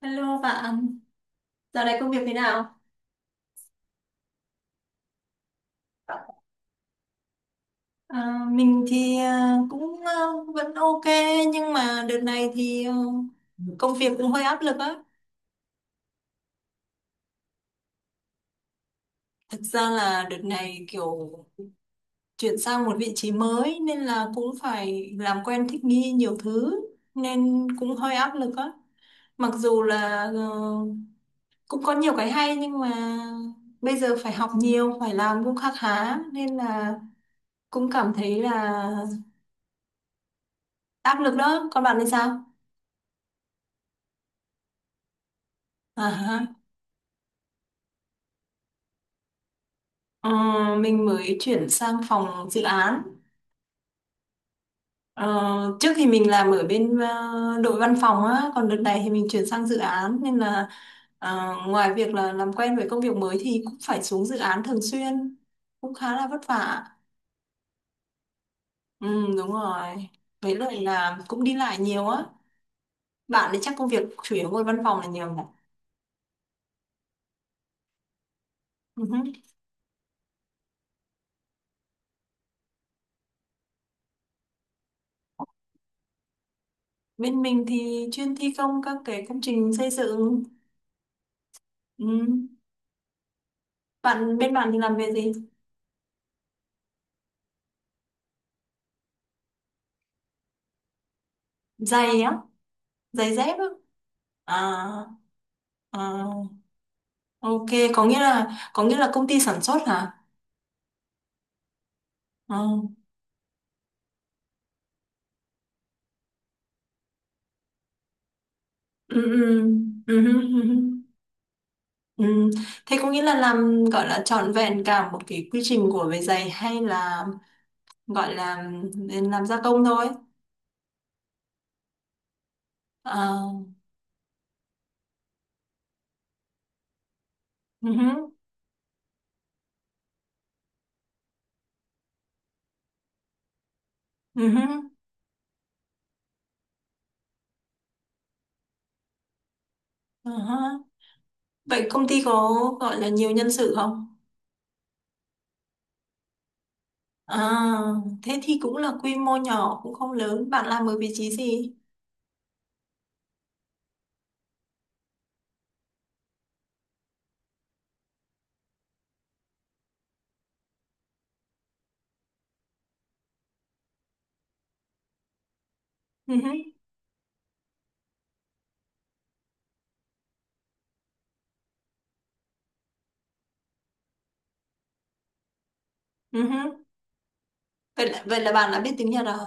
Hello bạn, dạo này công việc thế nào? Mình thì cũng vẫn ok nhưng mà đợt này thì công việc cũng hơi áp lực á. Thực ra là đợt này kiểu chuyển sang một vị trí mới nên là cũng phải làm quen thích nghi nhiều thứ nên cũng hơi áp lực á. Mặc dù là cũng có nhiều cái hay nhưng mà bây giờ phải học nhiều, phải làm cũng khá khá nên là cũng cảm thấy là áp lực đó. Còn bạn thì sao? À. Ờ, mình mới chuyển sang phòng dự án. Ờ, trước thì mình làm ở bên đội văn phòng á, còn đợt này thì mình chuyển sang dự án nên là ngoài việc là làm quen với công việc mới thì cũng phải xuống dự án thường xuyên, cũng khá là vất vả. Ừ, đúng rồi. Với lại là cũng đi lại nhiều á. Bạn thì chắc công việc chủ yếu ngồi văn phòng là nhiều nhỉ? Ừ hứ. Bên mình thì chuyên thi công các cái công trình xây dựng. Ừ. Bên bạn thì làm về gì? Giày á, giày dép á. À, à, ok, có nghĩa là có nghĩa là công ty sản xuất hả? À, ừ, ừ, ừ, ừ, ừ, ừ. Ừ, thế có nghĩa là làm gọi là trọn vẹn cả một cái quy trình của về giày hay là gọi là làm gia công thôi? À, ừ, ừ, ừ, ừ. Vậy công ty có gọi là nhiều nhân sự không? À, thế thì cũng là quy mô nhỏ cũng không lớn. Bạn làm ở vị trí gì? Ừ, ừ, ừ, ừ. Vậy là bạn đã biết tiếng Nhật à?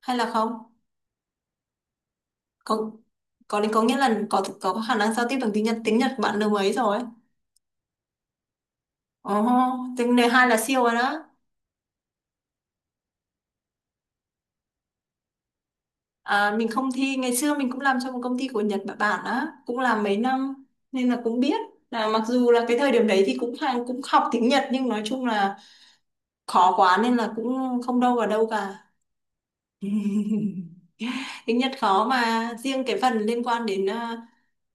Hay là không? Có có đến có nghĩa là có khả năng giao tiếp bằng tiếng Nhật, của bạn lớp mấy rồi? Ồ, tiếng này hai là siêu rồi đó. À, mình không thi, ngày xưa mình cũng làm cho một công ty của Nhật Bản Bản á, cũng làm mấy năm nên là cũng biết, là mặc dù là cái thời điểm đấy thì cũng hàng cũng học tiếng Nhật nhưng nói chung là khó quá nên là cũng không đâu vào đâu cả. Tiếng Nhật khó, mà riêng cái phần liên quan đến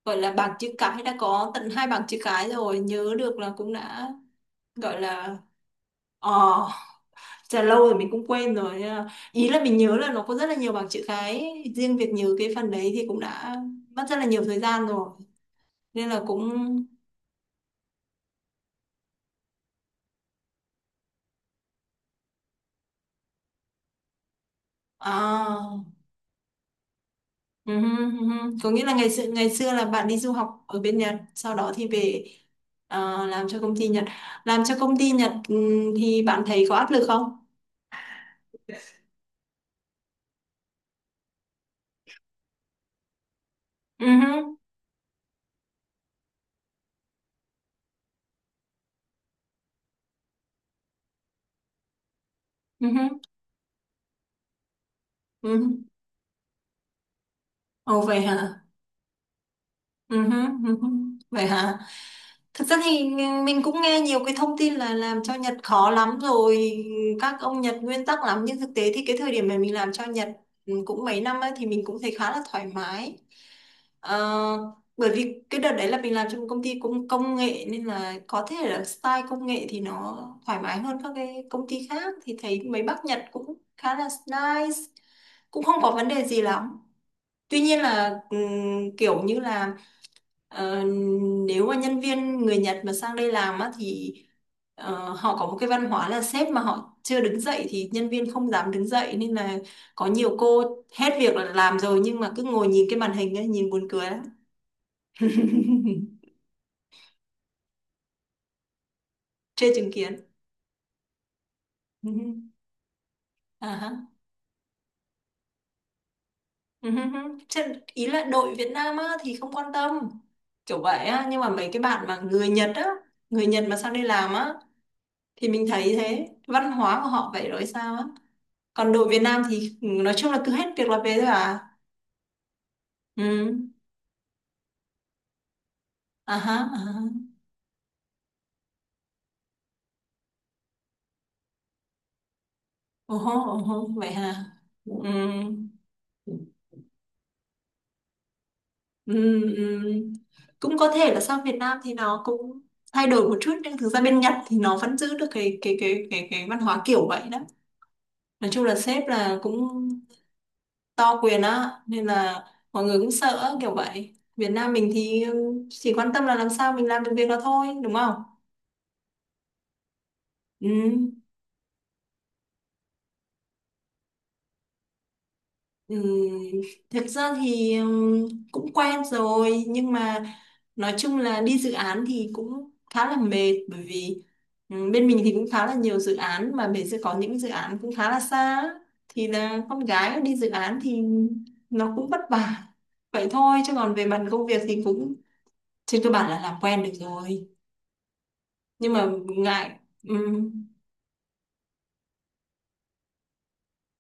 gọi là bảng chữ cái đã có tận hai bảng chữ cái rồi, nhớ được là cũng đã gọi là ờ Chà, lâu rồi mình cũng quên rồi nhưng mà ý là mình nhớ là nó có rất là nhiều bảng chữ cái, riêng việc nhớ cái phần đấy thì cũng đã mất rất là nhiều thời gian rồi nên là cũng à. Ừ, ừ, ừ, có nghĩa là ngày xưa là bạn đi du học ở bên Nhật sau đó thì về, à, làm cho công ty Nhật làm cho công ty Nhật Ừ, thì bạn thấy có áp lực không? Ừ, ừ, ừ, ừ. Ồ vậy hả. Ừ hứ, ừ hứ. Vậy hả? Thực ra thì mình cũng nghe nhiều cái thông tin là làm cho Nhật khó lắm rồi, các ông Nhật nguyên tắc lắm, nhưng thực tế thì cái thời điểm mà mình làm cho Nhật, ừ, cũng mấy năm ấy, thì mình cũng thấy khá là thoải mái. Ờ, bởi vì cái đợt đấy là mình làm trong một công ty cũng công nghệ nên là có thể là style công nghệ thì nó thoải mái hơn các cái công ty khác, thì thấy mấy bác Nhật cũng khá là nice, cũng không có vấn đề gì lắm. Tuy nhiên là kiểu như là ờ, nếu mà nhân viên người Nhật mà sang đây làm á thì họ có một cái văn hóa là sếp mà họ chưa đứng dậy thì nhân viên không dám đứng dậy, nên là có nhiều cô hết việc là làm rồi nhưng mà cứ ngồi nhìn cái màn hình ấy, nhìn buồn cười lắm. Chưa chứng kiến. À hả? Ừ hứ hứ. Chứ ý là đội Việt Nam á thì không quan tâm kiểu vậy á, nhưng mà mấy cái bạn mà người Nhật á, người Nhật mà sang đây làm á thì mình thấy thế, văn hóa của họ vậy rồi sao á, còn đồ Việt Nam thì ừ, nói chung là cứ hết việc là về thôi à. Ừ. À ha, à ha. Ồ hô, ồ hô vậy hả. Ừ. Ừ. Ừ. Cũng có thể là sang Việt Nam thì nó cũng thay đổi một chút nhưng thực ra bên Nhật thì nó vẫn giữ được cái văn hóa kiểu vậy đó, nói chung là sếp là cũng to quyền á nên là mọi người cũng sợ á, kiểu vậy. Việt Nam mình thì ừ, chỉ quan tâm là làm sao mình làm được việc đó thôi đúng không? Ừ. Ừ, thực ra thì cũng quen rồi nhưng mà nói chung là đi dự án thì cũng khá là mệt bởi vì bên mình thì cũng khá là nhiều dự án mà mình sẽ có những dự án cũng khá là xa á, thì là con gái đi dự án thì nó cũng vất vả vậy thôi, chứ còn về mặt công việc thì cũng trên cơ bản là làm quen được rồi, nhưng mà ngại. ừm,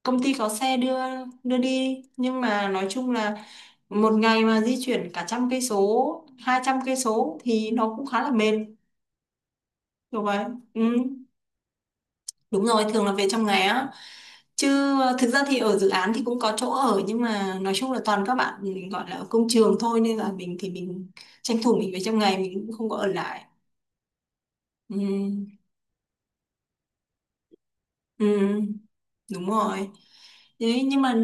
công ty có xe đưa đưa đi nhưng mà nói chung là một ngày mà di chuyển cả 100 cây số, 200 cây số thì nó cũng khá là mệt kiểu vậy. Ừ. Đúng rồi, thường là về trong ngày á, chứ ờ, thực ra thì ở dự án thì cũng có chỗ ở nhưng mà nói chung là toàn các bạn gọi là ở công trường thôi nên là mình thì mình tranh thủ mình về trong ngày, mình cũng không có ở lại. Ừ. Ừ. Đúng rồi. Đấy, nhưng mà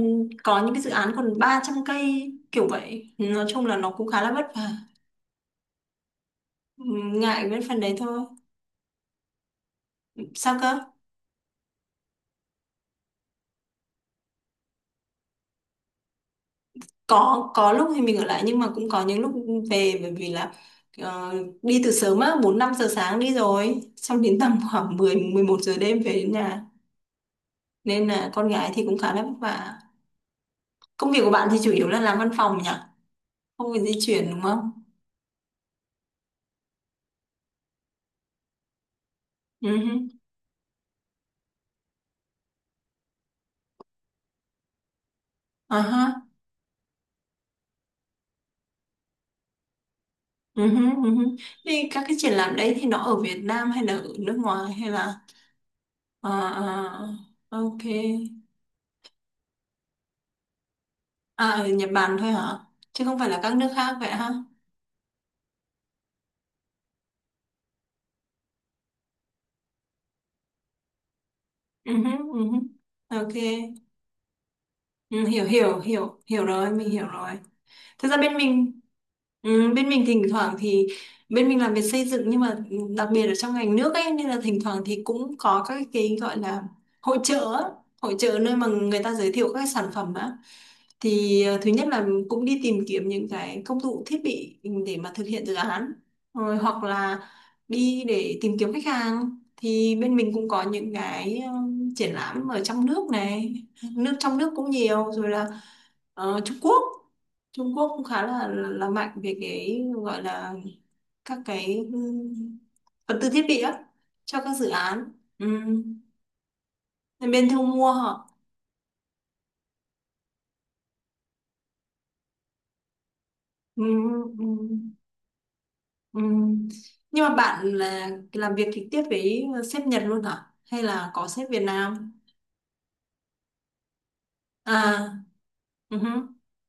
có những cái dự án còn 300 cây kiểu vậy, nói chung là nó cũng khá là vất vả. Ừ, ngại cái phần đấy thôi. Sao cơ? Có lúc thì mình ở lại nhưng mà cũng có những lúc về bởi vì là ờ, đi từ sớm á, 4, 5 giờ sáng đi rồi xong đến tầm khoảng 10, 11 giờ đêm về đến nhà, nên là con gái thì cũng khá là vất vả. Công việc của bạn thì chủ yếu là làm văn phòng nhỉ, không phải di chuyển đúng không? Ừ hứ. À ha. Ừ hứ, ừ hứ. Thì các cái triển lãm đấy thì nó ở Việt Nam hay là ở nước ngoài hay là... À, à, ok. À, ở Nhật Bản thôi hả? Chứ không phải là các nước khác vậy ha. Ừ hứ, ừ hứ. Ok. Ừ, hiểu hiểu hiểu hiểu rồi, mình hiểu rồi. Thực ra bên mình ừ, bên mình thỉnh thoảng thì bên mình làm việc xây dựng nhưng mà đặc biệt ở trong ngành nước ấy nên là thỉnh thoảng thì cũng có các cái gọi là hội chợ á, hội chợ nơi mà người ta giới thiệu các sản phẩm á, thì ờ, thứ nhất là cũng đi tìm kiếm những cái công cụ thiết bị để mà thực hiện dự án, rồi hoặc là đi để tìm kiếm khách hàng, thì bên mình cũng có những cái triển lãm ở trong nước này, trong nước cũng nhiều rồi là ờ, Trung Quốc Trung Quốc cũng khá là mạnh về cái gọi là các cái vật tư thiết bị á cho các dự án. Ừm, nên bên thu mua họ ừm, ừm, ừm. Nhưng mà bạn là làm việc trực tiếp với sếp Nhật luôn hả hay là có sếp Việt Nam? À, ừ hứ,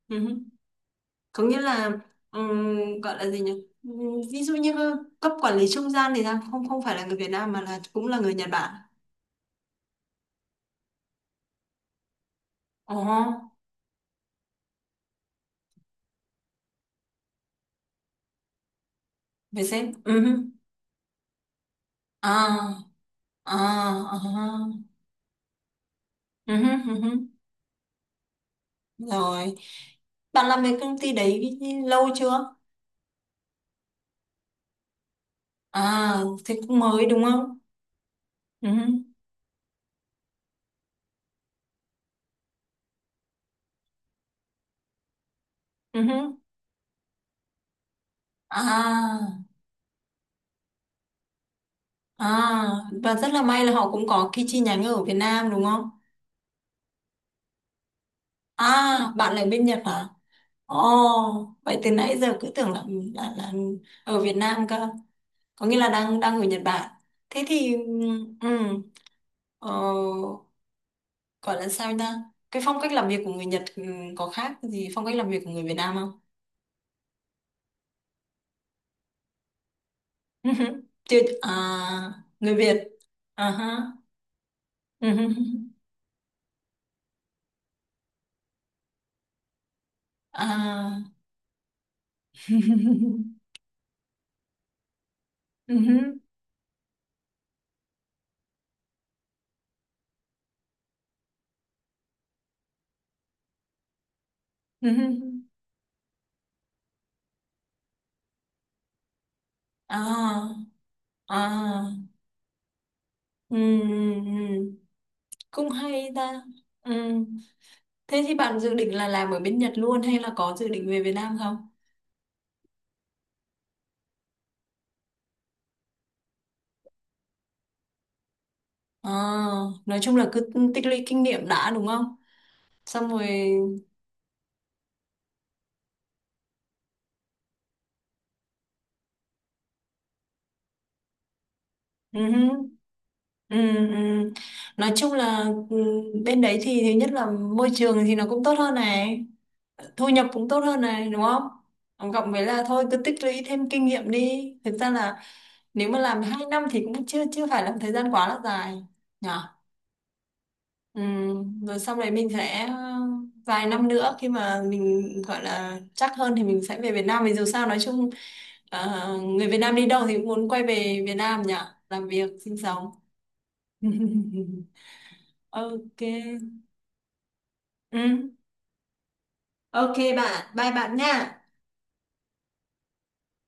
ừ hứ. Có nghĩa là ừm, gọi là gì nhỉ, Ừm, ví dụ như cấp quản lý trung gian thì sao, không, không phải là người Việt Nam mà là cũng là người Nhật Bản. Ồ. Về sếp ừ hứ. À. À, à. Ừ hứ, ừ hứ. Rồi, bạn làm về công ty đấy lâu chưa? À, thì cũng mới đúng không? Ừ hứ, ừ hứ. À. À, và rất là may là họ cũng có cái chi nhánh ở Việt Nam đúng không? À, bạn ở bên Nhật hả? Ồ, vậy từ nãy giờ cứ tưởng là là ở Việt Nam cơ, có nghĩa là đang đang ở Nhật Bản, thế thì ừ, ừ, ờ, gọi là sao ta, cái phong cách làm việc của người Nhật ừ, có khác gì phong cách làm việc của người Việt Nam không? Chưa, người Việt. À ha. Ừ hứ. À. Ừ hứ. Ừ hứ. À. À. Ừ, ừ, ừ. Cũng hay ta. Ừ. Thế thì bạn dự định là làm ở bên Nhật luôn hay là có dự định về Việt Nam không? À, nói chung là cứ tích lũy kinh nghiệm đã đúng không, xong rồi. Ừ. Ừ, ừ. Nói chung là ừ, bên đấy thì thứ nhất là môi trường thì nó cũng tốt hơn này, thu nhập cũng tốt hơn này đúng không? Cộng với là thôi cứ tích lũy thêm kinh nghiệm đi. Thực ra là nếu mà làm 2 năm thì cũng chưa chưa phải là một thời gian quá là dài. Nhỉ? Ừ, rồi sau đấy mình sẽ vài năm nữa khi mà mình gọi là chắc hơn thì mình sẽ về Việt Nam vì dù sao nói chung người Việt Nam đi đâu thì cũng muốn quay về Việt Nam nhỉ, làm việc sinh sống. Ok. Ừ, ok bạn, bye bạn nha.